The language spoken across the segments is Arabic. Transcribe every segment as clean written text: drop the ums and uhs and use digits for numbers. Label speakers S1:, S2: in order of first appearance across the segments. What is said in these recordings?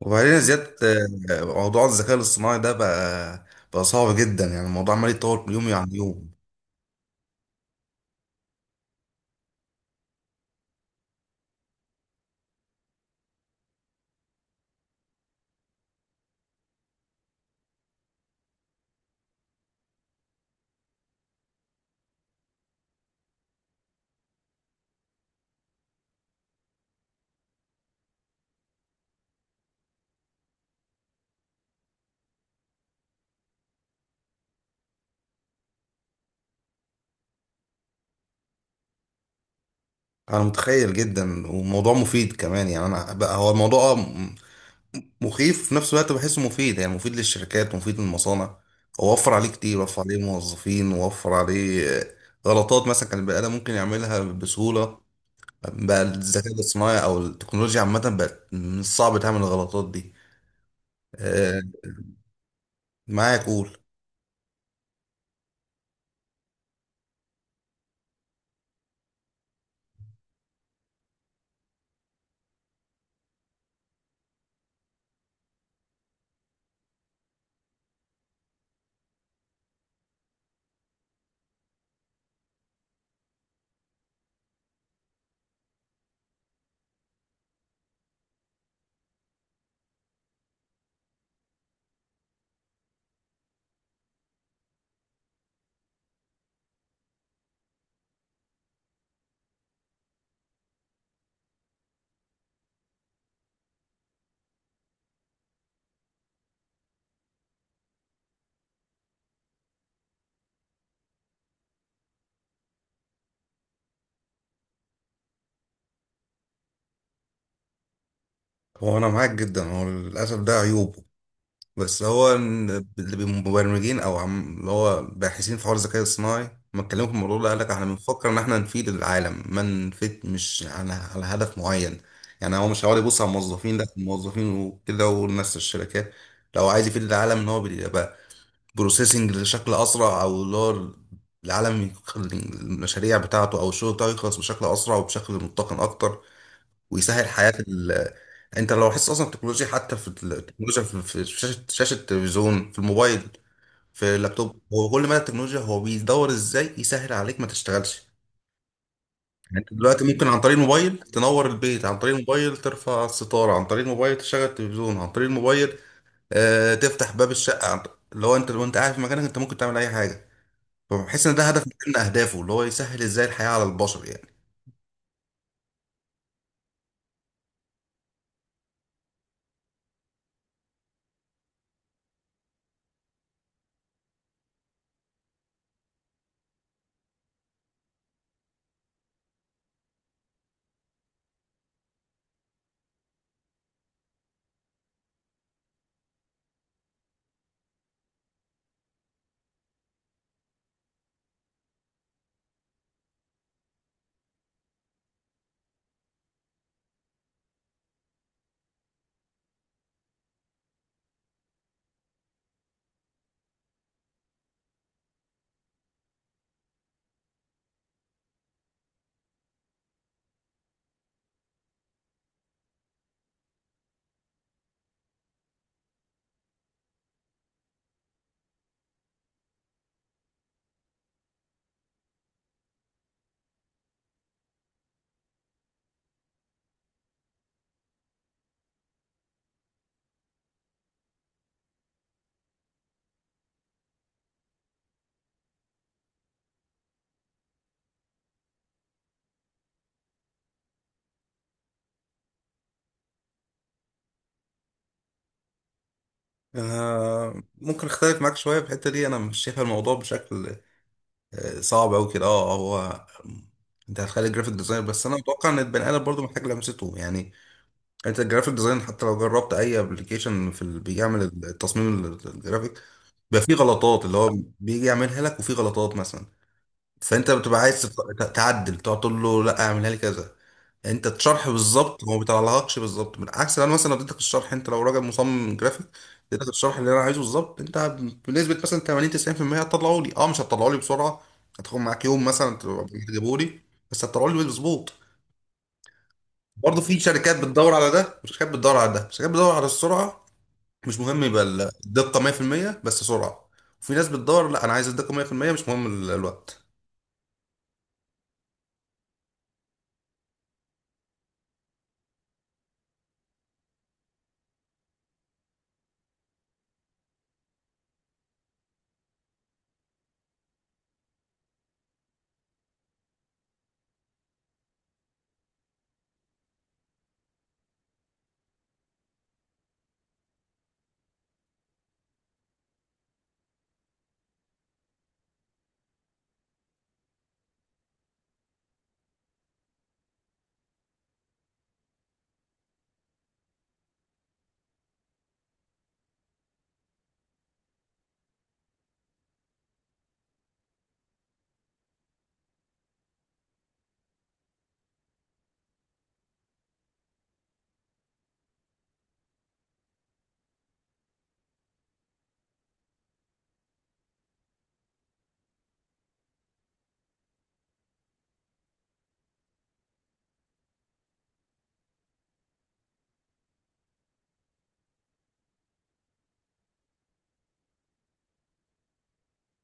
S1: وبعدين يا زياد، موضوع الذكاء الاصطناعي ده بقى صعب جدا. يعني الموضوع عمال يتطور كل يوم عن يوم. انا متخيل جدا، وموضوع مفيد كمان. يعني انا بقى هو الموضوع مخيف في نفس الوقت، بحسه مفيد. يعني مفيد للشركات ومفيد للمصانع. هو وفر عليه كتير، وفر عليه موظفين، ووفر عليه غلطات مثلا كان البني ادم ممكن يعملها بسهولة. بقى الذكاء الاصطناعي او التكنولوجيا عامة بقت من الصعب تعمل الغلطات دي. آه، معايا قول. هو انا معاك جدا، هو للاسف ده عيوب. بس هو إن اللي بمبرمجين او عم اللي هو باحثين في حوار الذكاء الصناعي ما اتكلموا في الموضوع ده، قال لك احنا بنفكر ان احنا نفيد العالم، ما نفيد مش على هدف معين. يعني هو مش هيقعد يبص على الموظفين، لا الموظفين وكده والناس في الشركات. لو عايز يفيد العالم ان هو بيبقى بروسيسنج بشكل اسرع، او اللي هو العالم يخ- المشاريع بتاعته او الشغل بتاعه يخلص بشكل اسرع وبشكل متقن اكتر، ويسهل حياة ال... انت لو حاسس اصلا التكنولوجيا، حتى في التكنولوجيا، في شاشة التلفزيون، في الموبايل، في اللابتوب، هو كل ما التكنولوجيا هو بيدور ازاي يسهل عليك ما تشتغلش يعني. انت دلوقتي ممكن عن طريق الموبايل تنور البيت، عن طريق الموبايل ترفع الستارة، عن طريق الموبايل تشغل التلفزيون، عن طريق الموبايل تفتح باب الشقة عن... اللي هو انت لو انت قاعد في مكانك انت ممكن تعمل اي حاجة. فبحس ان ده هدف من اهدافه، اللي هو يسهل ازاي الحياة على البشر يعني. انا ممكن اختلف معاك شويه في الحته دي، انا مش شايف الموضوع بشكل صعب أوي كده. اه هو انت هتخلي الجرافيك ديزاين، بس انا اتوقع ان البني ادم برضه محتاج لمسته يعني. انت الجرافيك ديزاين حتى لو جربت اي ابلكيشن في ال... بيعمل التصميم ال- الجرافيك، بيبقى فيه غلطات اللي هو بيجي يعملها لك، وفيه غلطات مثلا. فانت بتبقى عايز تت- تعدل، تقعد تقول له لا اعملها لي كذا. انت الشرح بالظبط هو ما بيطلعلكش بالظبط. بالعكس، انا مثلا لو اديتك الشرح، انت لو راجل مصمم جرافيك، اديتك الشرح اللي انا عايزه بالظبط، انت بنسبه مثلا 80 90% هتطلعه لي. اه مش هتطلعه لي بسرعه، هتاخد معاك يوم مثلا تجيبه لي، بس هتطلعه لي مظبوط. برضه في شركات بتدور على ده، وشركات بتدور على ده. شركات بتدور على السرعه، مش مهم يبقى الدقه 100%، بس سرعه. وفي ناس بتدور لا انا عايز الدقه 100%، مش مهم ال- الوقت.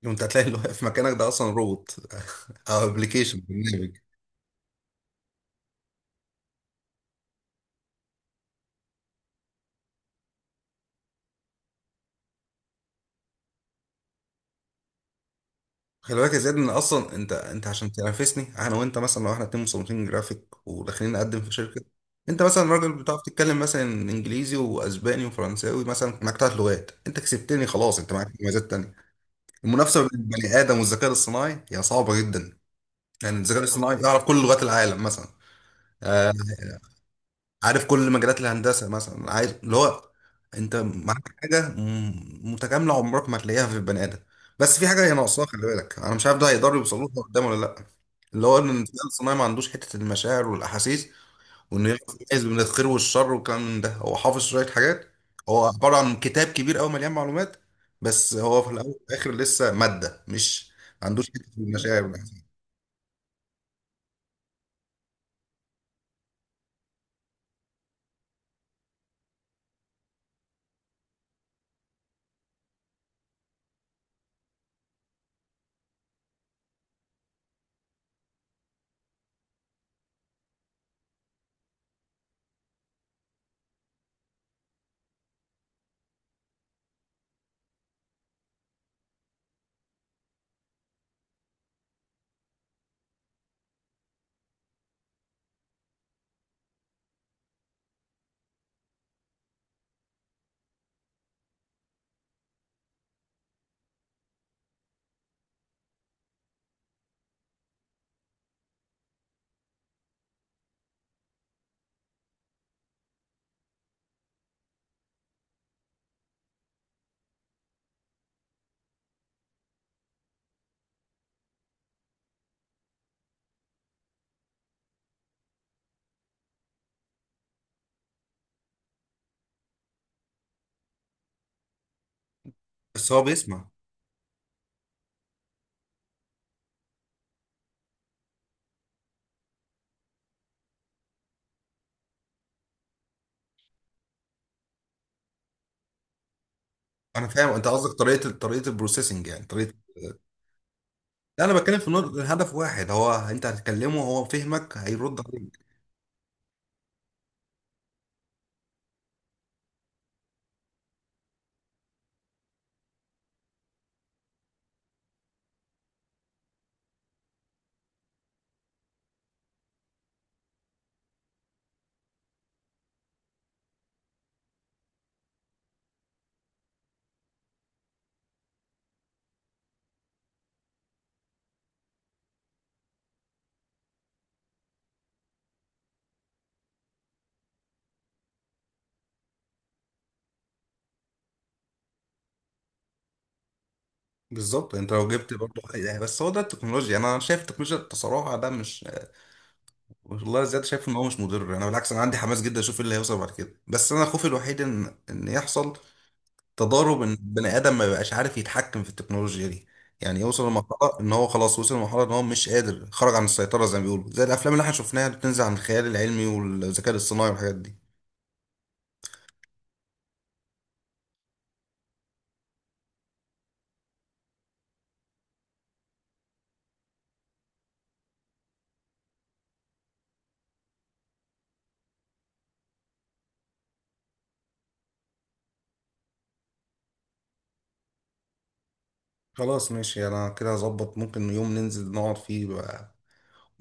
S1: وانت هتلاقي اللي واقف في مكانك ده اصلا روبوت او ابلكيشن. خلي بالك يا زياد ان اصلا انت عشان تنافسني انا وانت، مثلا لو احنا اتنين مصممين جرافيك وداخلين نقدم في شركه، انت مثلا راجل بتعرف تتكلم مثلا انجليزي واسباني وفرنساوي، مثلا معاك ثلاث لغات، انت كسبتني خلاص، انت معاك مميزات تانية. المنافسه بين البني ادم والذكاء الاصطناعي هي صعبه جدا. يعني الذكاء الاصطناعي يعرف كل لغات العالم مثلا، آه، عارف كل مجالات الهندسه مثلا. عايز اللي هو انت معاك حاجه م- متكامله عمرك ما هتلاقيها في البني ادم. بس في حاجه هي ناقصاها، خلي بالك، انا مش عارف ده هيقدروا يوصلوا لها قدام ولا لا. اللي هو ان الذكاء الصناعي ما عندوش حته المشاعر والاحاسيس، وانه يعرف يميز بين الخير والشر والكلام من ده. هو حافظ شويه حاجات، هو عباره عن كتاب كبير قوي مليان معلومات، بس هو في الاول والاخر لسه ماده، مش ما عندوش حته المشاعر والاحاسيس. بس هو بيسمع. انا فاهم انت قصدك طريقه طريقه البروسيسنج يعني طريقه. لا، انا بتكلم في نقطة الهدف واحد. هو انت هتكلمه هو فهمك، هيرد عليك بالظبط. انت لو جبت برضه يعني، بس هو ده التكنولوجيا يعني. انا شايف التكنولوجيا التصارع ده مش... والله زياد، شايف ان هو مش مضر. انا بالعكس، انا عندي حماس جدا اشوف ايه اللي هيوصل بعد كده. بس انا خوفي الوحيد ان يحصل تضارب، ان بني ادم ما يبقاش عارف يتحكم في التكنولوجيا دي. يعني يوصل لمرحلة ان هو خلاص وصل لمرحلة ان هو مش قادر، خرج عن السيطرة زي ما بيقولوا، زي الافلام اللي احنا شفناها اللي بتنزل عن الخيال العلمي والذكاء الاصطناعي والحاجات دي. خلاص، ماشي، انا كده اظبط. ممكن يوم ننزل نقعد فيه بقى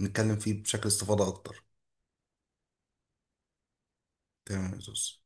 S1: نتكلم فيه بشكل استفاضة اكتر. تمام يا زوز.